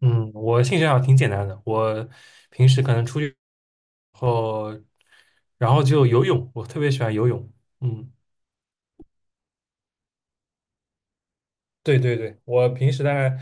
嗯，我兴趣爱好挺简单的，我平时可能出去后，然后就游泳，我特别喜欢游泳。嗯，对对对，我平时大概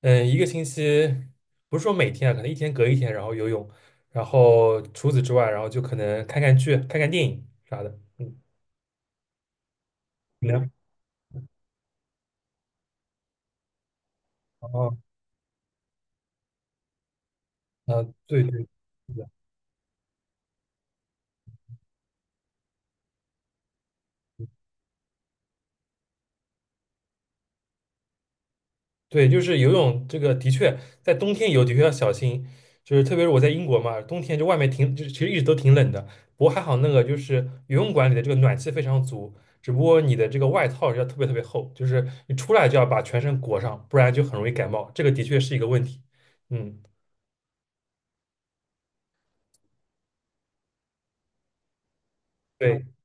一个星期，不是说每天啊，可能一天隔一天，然后游泳，然后除此之外，然后就可能看看剧、看看电影啥的。嗯，你呢？哦，啊，对对，对，就是游泳这个的确在冬天游的确要小心，就是特别是我在英国嘛，冬天就外面挺，就是其实一直都挺冷的。不过还好那个就是游泳馆里的这个暖气非常足，只不过你的这个外套要特别特别厚，就是你出来就要把全身裹上，不然就很容易感冒。这个的确是一个问题。嗯，对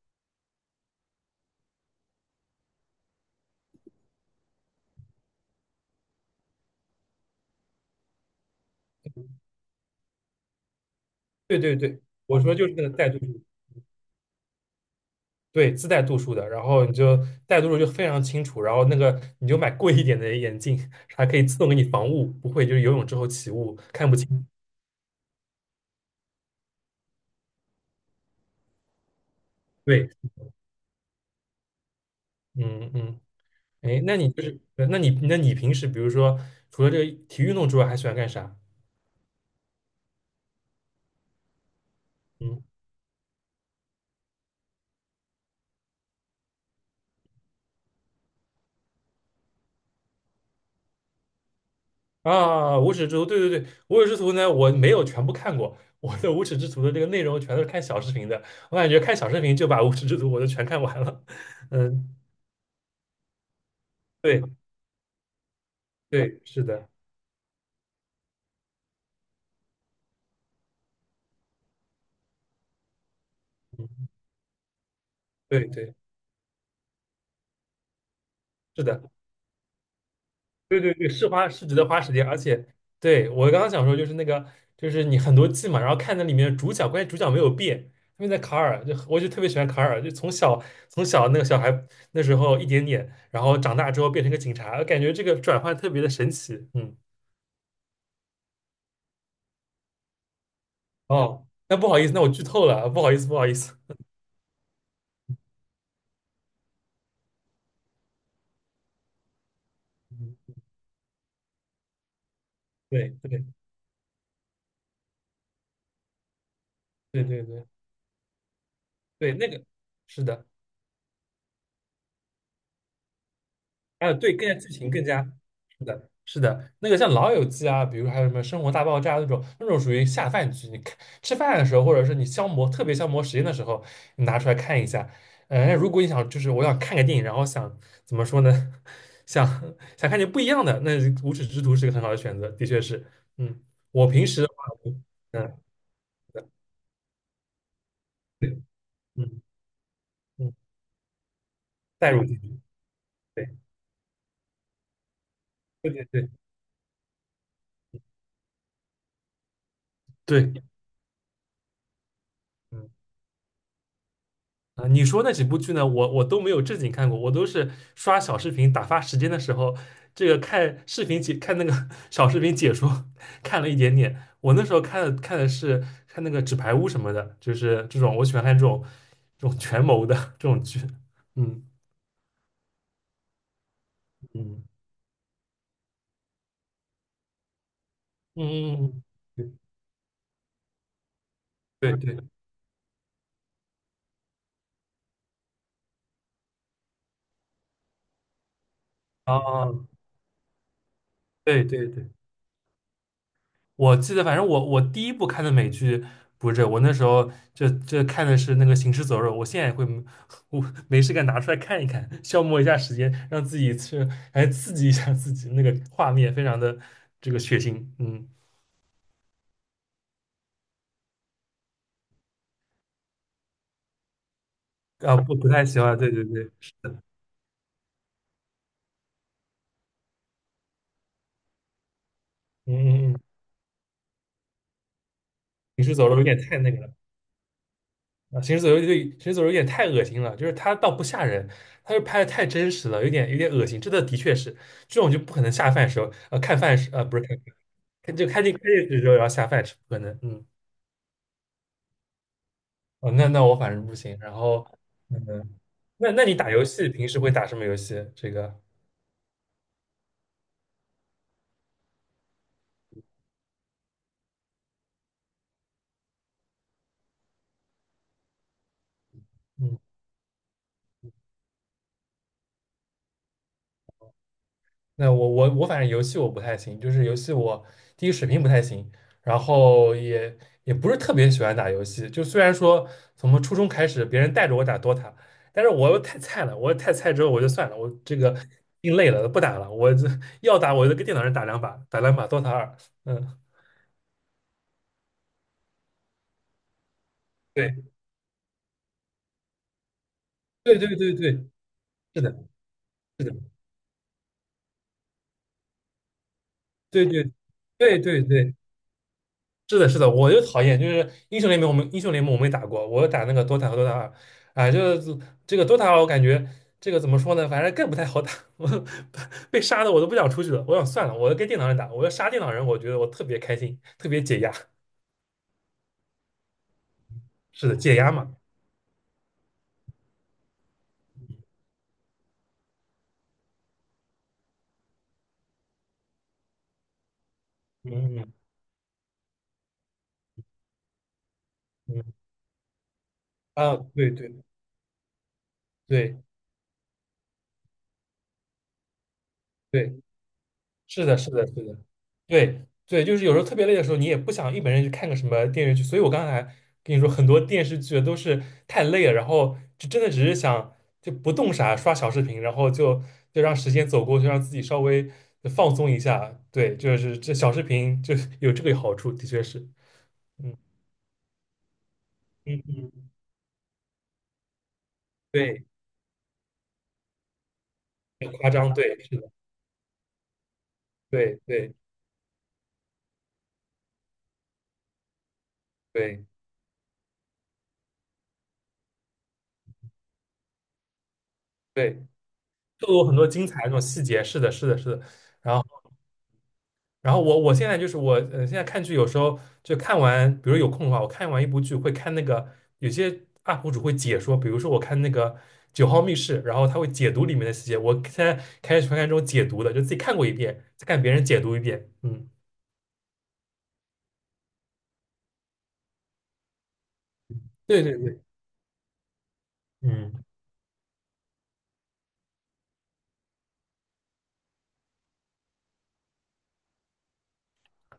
对对对，我说就是那个带度数，对，自带度数的，然后你就带度数就非常清楚，然后那个你就买贵一点的眼镜，还可以自动给你防雾，不会就是游泳之后起雾看不清。对，嗯嗯，哎，那你就是，那你那你平时比如说，除了这个体育运动之外，还喜欢干啥？嗯啊，无耻之徒，对对对，无耻之徒呢，我没有全部看过，我的无耻之徒的这个内容全都是看小视频的，我感觉看小视频就把无耻之徒我都全看完了。嗯，对对，是的，嗯，对对是的。对对对，是花是值得花时间，而且对我刚刚想说就是那个就是你很多季嘛，然后看那里面的主角，关键主角没有变，他们在卡尔，就我就特别喜欢卡尔，就从小那个小孩那时候一点点，然后长大之后变成个警察，感觉这个转换特别的神奇，嗯，哦，那不好意思，那我剧透了，不好意思，嗯，对对对对对对，那个是的。还有对更加剧情更加是的，是的，那个像《老友记》啊，比如还有什么《生活大爆炸》那种，那种属于下饭剧，你看吃饭的时候，或者是你特别消磨时间的时候，你拿出来看一下。如果你想就是我想看个电影，然后想怎么说呢，想想看点不一样的，那《无耻之徒》是个很好的选择，的确是。嗯，我平时的话，我嗯对嗯嗯，嗯代入进去，对对对对对，嗯。啊，你说那几部剧呢？我都没有正经看过，我都是刷小视频打发时间的时候，这个看视频解看那个 小视频解说，看了一点点。我那时候看的是看那个《纸牌屋》什么的，就是这种我喜欢看这种这种权谋的这种剧。嗯嗯，嗯嗯嗯，对对对，啊，对对对，我记得，反正我第一部看的美剧不是这个我那时候就看的是那个《行尸走肉》，我现在也会没 我没事干拿出来看一看，消磨一下时间，让自己去哎刺激一下自己，那个画面非常的这个血腥，嗯啊不不太喜欢，对对对，是的，嗯嗯嗯，《行尸走肉》有点太那个了。啊，行尸走肉对，行尸走肉有点太恶心了，就是它倒不吓人，它就拍的太真实了，有点恶心。这的的确是这种就不可能下饭时候，看饭时，不是看饭看就看进看电视的时候要下饭吃，不可能。嗯，哦，那那我反正不行。然后，嗯，那那你打游戏平时会打什么游戏？这个，嗯。那我反正游戏我不太行，就是游戏我第一水平不太行，然后也也不是特别喜欢打游戏。就虽然说从初中开始别人带着我打 DOTA，但是我又太菜了，我太菜之后我就算了，我这个心累了不打了，我这要打我就跟电脑上打两把，打两把 DOTA 二。嗯，对对对对对，是的，是的，对对对对对是的，是的，我就讨厌，就是英雄联盟，我们英雄联盟我没打过，我打那个 DOTA 和 DOTA 二，啊，就是这个 DOTA 二，我感觉这个怎么说呢，反正更不太好打，我被杀的我都不想出去了，我想算了，我要跟电脑人打，我要杀电脑人，我觉得我特别开心，特别解压，是的，解压嘛，嗯嗯嗯，啊，对对对对。是的，是的，是的，对对，就是有时候特别累的时候，你也不想一本正经去看个什么电视剧，所以我刚才跟你说，很多电视剧都是太累了，然后就真的只是想就不动啥，刷小视频，然后就让时间走过去，让自己稍微放松一下。对，就是这小视频就 有这个好处，的确是，嗯嗯嗯，对，很夸张，对，是的，对对对对，就有很多精彩的那种细节，是的，是的，是的。然后。然后我现在就是我，现在看剧有时候就看完，比如有空的话，我看完一部剧会看那个有些 UP 主会解说，比如说我看那个《九号密室》，然后他会解读里面的细节。我现在开始看这种解读的，就自己看过一遍，再看别人解读一遍。嗯，对对对，嗯，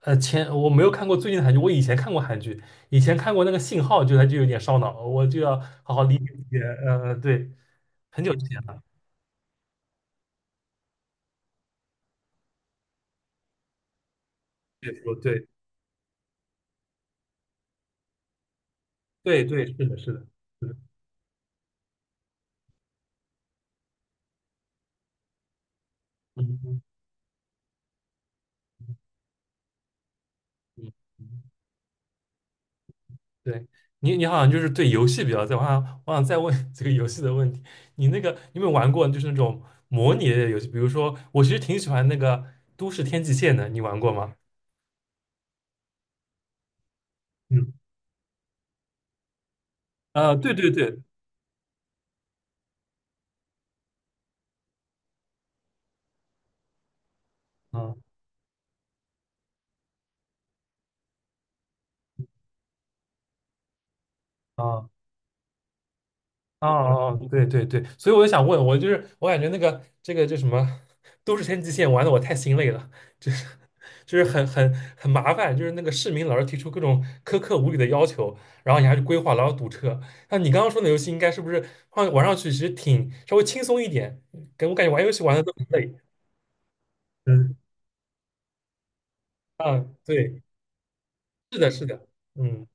前我没有看过最近的韩剧，我以前看过韩剧，以前看过那个《信号》，就它就有点烧脑，我就要好好理解理解。对，很久之前了，解说，对对对，是的，是的，是的，嗯嗯嗯。嗯对你，你好像就是对游戏比较在行。我想，我想再问 这个游戏的问题。你那个，你有没有玩过就是那种模拟类的游戏？比如说，我其实挺喜欢那个《都市天际线》的，你玩过吗？嗯，啊、对对对，嗯啊、哦哦，哦对对对，所以我就想问，我就是我感觉那个这个叫什么都市天际线玩的我太心累了，就是就是很麻烦，就是那个市民老是提出各种苛刻无理的要求，然后你还去规划，然后堵车。那你刚刚说的游戏，应该是不是放玩上去其实挺稍微轻松一点？给我感觉玩游戏玩的都很累。嗯啊，对，是的，是的，嗯。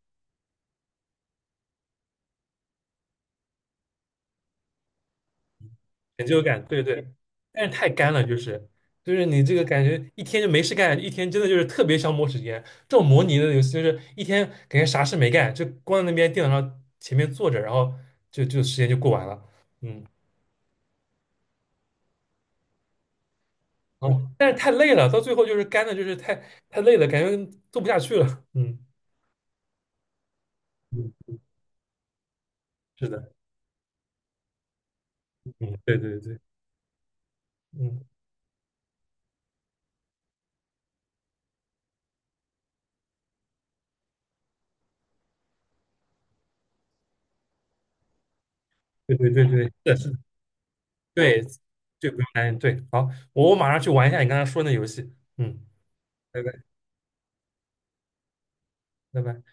成就感，对对，但是太干了，就是就是你这个感觉一天就没事干，一天真的就是特别消磨时间。这种模拟的游戏就是一天感觉啥事没干，就光在那边电脑上前面坐着，然后就时间就过完了，嗯，哦，但是太累了，到最后就是干的，就是太累了，感觉做不下去了，嗯嗯，是的，嗯，对对对，嗯，对对对对，是的，是的对对，不用担心，对，好，我马上去玩一下你刚才说那游戏，嗯，拜拜，拜拜。